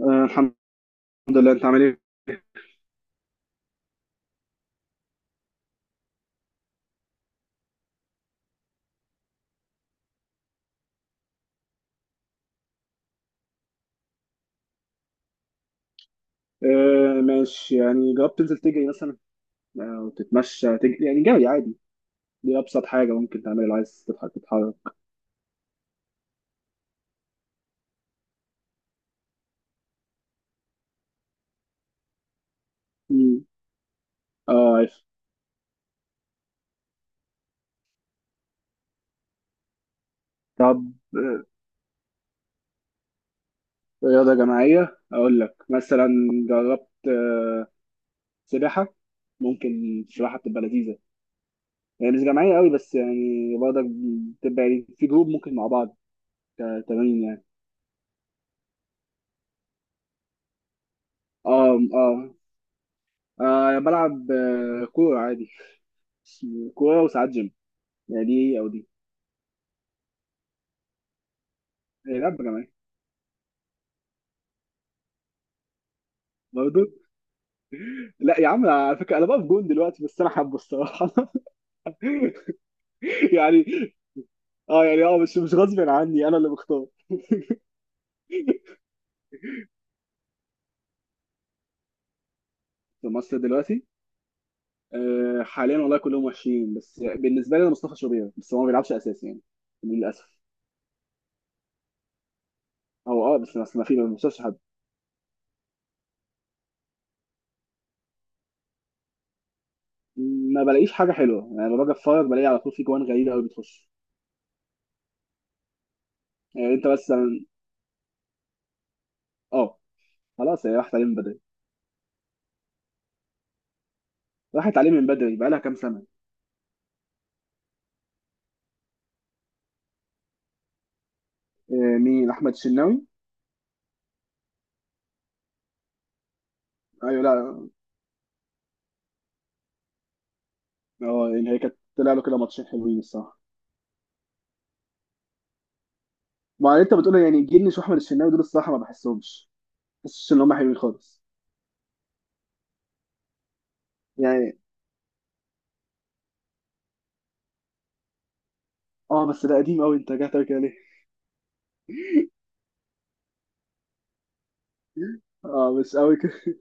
آه الحمد لله، انت عامل ايه؟ آه ماشي، يعني جربت تنزل تجري مثلا او تتمشى تجري، يعني جري عادي. دي ابسط حاجه ممكن تعملها لو عايز تضحك تتحرك. مم. اه عارف. طب آه، رياضه جماعيه اقول لك مثلا، جربت سباحه؟ ممكن السباحه بتبقى لذيذه. يعني مش جماعيه قوي، بس يعني برضك بتبقى يعني في جروب ممكن مع بعض تمارين يعني. اه اه. بلعب كورة عادي. كورة وساعات جيم، يعني دي أو دي. هيلعب جماعي برضه. لا يا عم، على فكره انا بقف جون دلوقتي، بس انا حابه الصراحه. يعني اه، يعني اه مش غصب عني، انا اللي بختار. في مصر دلوقتي؟ آه حاليا والله كلهم وحشين، بس بالنسبه لي انا مصطفى شوبير، بس هو ما بيلعبش اساسي يعني، للاسف. او اه، بس ما في، ما بشوفش حد. ما بلاقيش حاجه حلوه يعني، لما باجي اتفرج بلاقي على طول في جوان غريبه قوي بتخش. يعني انت مثلا. اه. خلاص هي راحت عليه من بدري، راحت عليه من بدري، بقى لها كام سنه. آه، مين احمد الشناوي؟ ايوه، لا. اه يعني هي كانت طلع له كده ماتشين حلوين الصراحه. ما انت بتقول يعني جنش واحمد الشناوي، دول الصراحه ما بحسهمش، ما بحسش ان هم حلوين خالص. يعني اه، بس ده قديم قوي، انت جاي تقول كده ليه؟ اه مش قوي كده.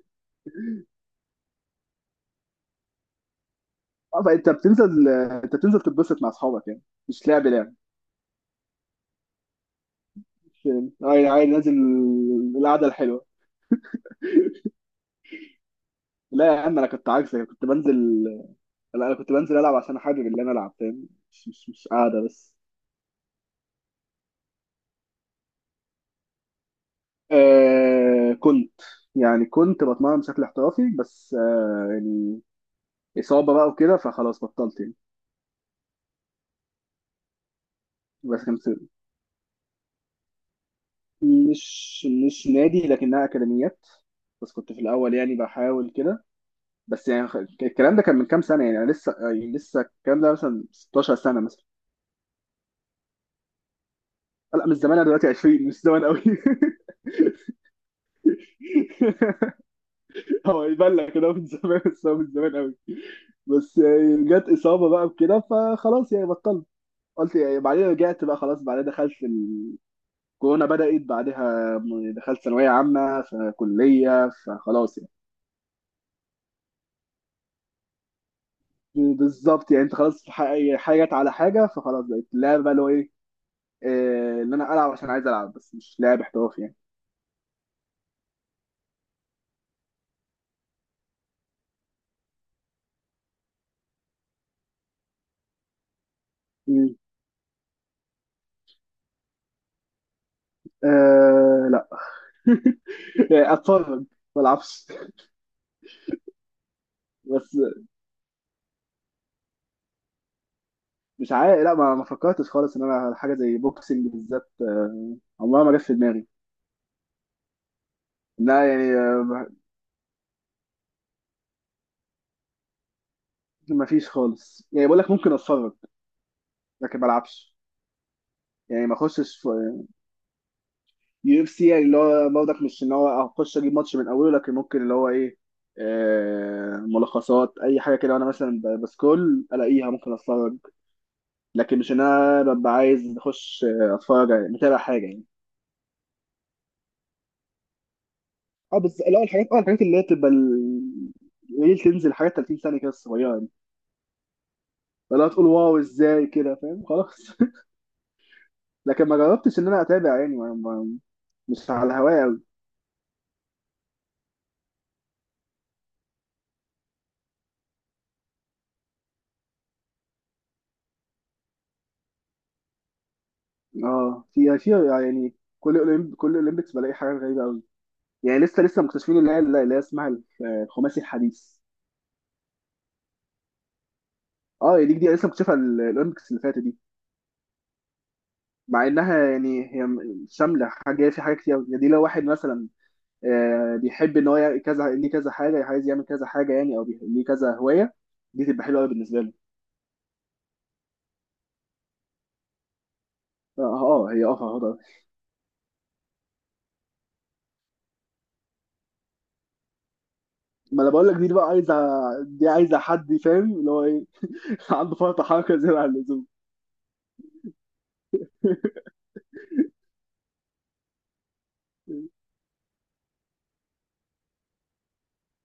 اه بقى انت بتنزل، انت بتنزل تتبسط مع اصحابك يعني، مش لعب لعب. مش- اه يعني عادي نازل، القعده الحلوه. لا يا عم، انا كنت عكسك، كنت بنزل. لا انا كنت بنزل العب عشان حابب اللي انا العب، فاهم؟ مش قاعده بس. آه كنت، يعني كنت بتمرن بشكل احترافي، بس آه يعني إصابة بقى وكده، فخلاص بطلت يعني. بس كنت، مش نادي، لكنها أكاديميات. بس كنت في الأول يعني بحاول كده. بس يعني الكلام ده كان من كام سنة يعني، أنا لسه يعني، لسه الكلام ده مثلا 16 سنة مثلا. لا مش زمان، أنا دلوقتي 20، مش زمان قوي. هو يبان لك كده من زمان، بس هو من زمان قوي. بس يعني جت إصابة بقى وكده، فخلاص يعني بطلت، قلت يعني بعدين رجعت بقى. خلاص بعدين دخلت، كورونا بدأت بعدها، دخلت ثانوية عامة فكلية، فخلاص يعني. بالظبط يعني، انت خلاص حاجات على حاجة، فخلاص بقت اللعبة بقى اللي هو ايه، آه، ان انا العب عشان عايز العب، بس مش لاعب احترافي يعني. مم. آه لا. اتفرج، ما العبش. بس مش عارف، لا ما، فكرتش خالص ان انا حاجة زي بوكسنج بالذات، آه، عمرها ما جت في دماغي. لا يعني آه، ما، ما فيش خالص، يعني بقول لك ممكن اتفرج لكن ما العبش. يعني ما اخشش يو اف سي، يعني اللي هو برضك مش ان هو هخش اجيب ماتش من اوله، لكن ممكن اللي هو ايه، آه، ملخصات اي حاجه كده، وانا مثلا بسكرول الاقيها ممكن اتفرج، لكن مش ان انا ببقى عايز اخش، آه، اتفرج يعني، متابع حاجه يعني. اه بس لا، الحاجات اه الحاجات اللي هي بتبقى قليل، تنزل حاجات 30 ثانيه كده صغيره يعني، فلا تقول واو ازاي كده، فاهم؟ خلاص. لكن ما جربتش ان انا اتابع يعني، مش على الهوايه قوي. اه في في يعني، كل اولمبيكس بلاقي حاجات غريبه قوي. يعني لسه، لسه مكتشفين اللي هي، اللي هي اسمها الخماسي الحديث. اه يعني دي جديده، لسه مكتشفه الاولمبيكس اللي فاتت دي. مع انها يعني هي شامله حاجه، في حاجات كتير أوي. يعني دي لو واحد مثلا آه، بيحب ان هو يعمل كذا، ليه كذا حاجه عايز يعمل كذا حاجه يعني، او ليه كذا هوايه، دي تبقى حلوه قوي بالنسبه له. اه آه، آه، هي اه فرهضه. ما انا بقول لك، دي بقى عايزه، دي عايزه حد فاهم اللي هو ايه، عنده فرط حركه زياده عن اللزوم.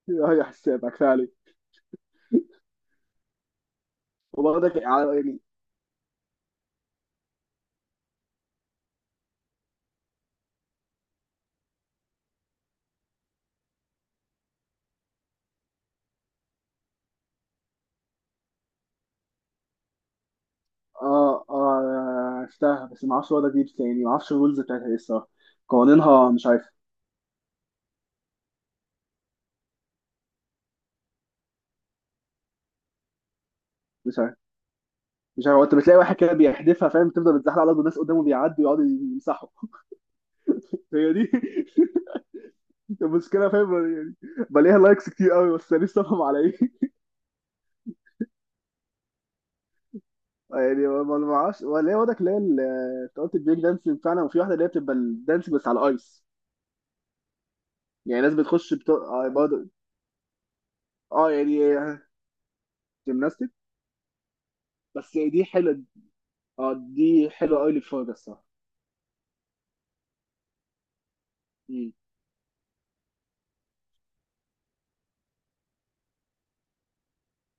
هي حسابك فعلا. وبرضك يعني اه اه. عرفتها، بس ما اعرفش وضع دي تاني، ما اعرفش الرولز بتاعتها ايه الصراحه، قوانينها مش عارف. مش عارف مش عارف انت بتلاقي واحد كده بيحدفها فاهم، تفضل بتزحلق على الارض والناس قدامه بيعدوا يقعدوا يمسحوا. هي دي. المشكله فاهم يعني، بلاقيها لايكس كتير قوي، بس انا لسه فاهم على ايه. يعني ما ما اعرفش، ولا هي وضعك اللي هي انت قلت البريك دانسينج فعلا، وفي واحده اللي هي بتبقى الدانسينج بس على الايس. يعني ناس بتخش اه برضه اه. يعني جيمناستيك، بس دي حلوه. اه دي حلوه قوي للفرجه الصراحه.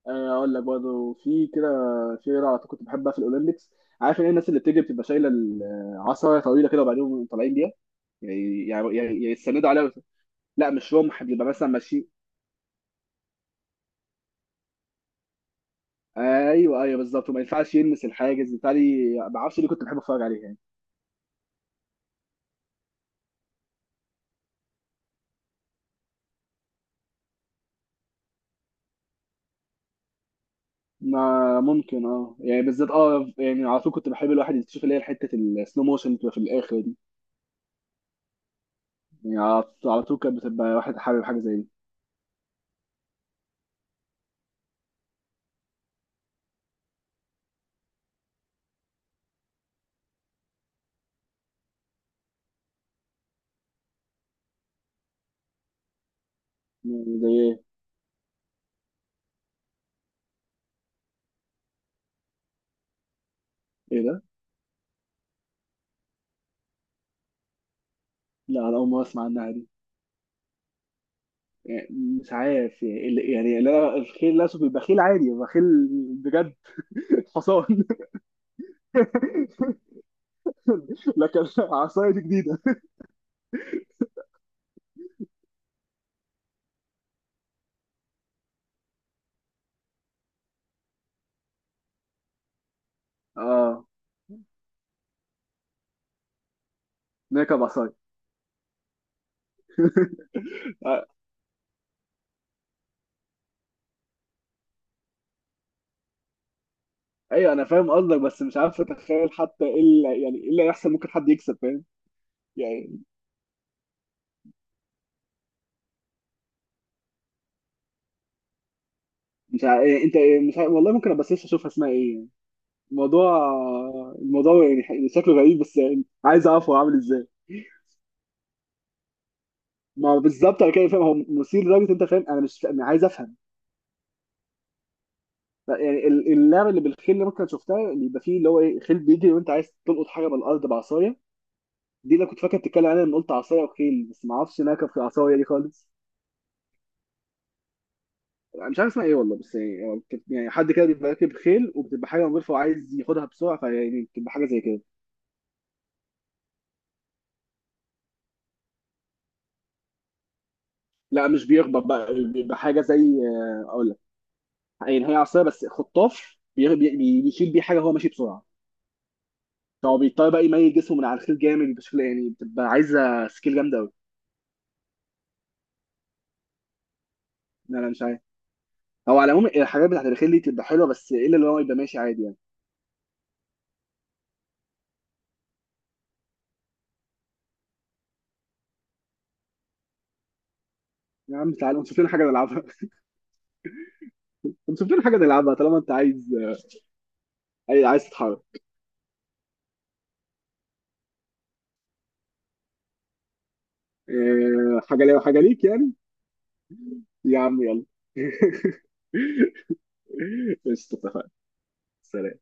آه، اقول لك برضه، في كده شيرة على طول كنت بحبها في الاولمبيكس، عارف ان هي الناس اللي بتيجي بتبقى شايله العصايه طويله كده، وبعدين طالعين بيها يعني، يعني يستندوا عليها. لا مش رمح، بيبقى مثلا ماشيين. ايوه ايوه بالظبط، وما ينفعش يلمس الحاجز، بالتالي ما اعرفش ليه كنت بحب اتفرج عليها يعني. ما ممكن اه، يعني بالذات اه، يعني على طول كنت بحب الواحد يشوف اللي هي حته السلو موشن بتبقى في الاخر دي. يعني على طول كانت بتبقى واحد حابب حاجه زي دي. يعني زي ايه؟ ايه ده؟ لا انا اول مره اسمع عنها دي. يعني مش عارف يعني يعني الخيل الاسود بيبقى خيل عادي، بيبقى خيل بجد، حصان. لكن عصايه دي جديده. اه نركب عصايه. آه، ايوه انا فاهم قصدك، بس مش عارف اتخيل حتى ايه اللي، يعني ايه اللي هيحصل، ممكن حد يكسب فاهم يعني. مش ع... يعني انت، مش ع... والله ممكن ابقى سيرش اشوفها اسمها ايه يعني. الموضوع، الموضوع يعني شكله غريب، بس يعني عايز اعرف هو عامل ازاي. ما هو بالظبط، انا كده فاهم هو مثير لدرجه، انت فاهم انا مش أنا عايز افهم. لا يعني اللعبه اللي بالخيل اللي ممكن شفتها، اللي يبقى فيه اللي هو ايه، خيل بيجري وانت عايز تلقط حاجه من الارض بعصايه. دي اللي كنت فاكر بتتكلم عنها لما قلت عصايه وخيل، بس ما اعرفش انها كانت في العصايه دي خالص. مش عارف اسمها ايه والله، بس يعني هو يعني حد كده بيبقى راكب خيل، وبتبقى حاجه مغلفه وعايز ياخدها بسرعه، فيعني بتبقى حاجه زي كده. لا مش بيخبط بقى، بيبقى حاجه زي، آه، اقول لك، يعني هي عصايه بس خطاف، بيشيل بيه حاجه هو ماشي بسرعه. فهو بيضطر بقى يميل جسمه من على الخيل جامد بشكل يعني، بتبقى عايزه سكيل جامده قوي. لا مش عارف. هو على العموم الحاجات بتاعت الخيل دي تبقى حلوه، بس الا اللي هو يبقى ماشي عادي يعني. يا عم تعالى نشوف لنا حاجه نلعبها. نشوف لنا حاجه نلعبها طالما انت عايز، عايز تتحرك. إيه، حاجه ليا وحاجه ليك يعني. يا عم يلا. قشطة، اتفقنا. سلام.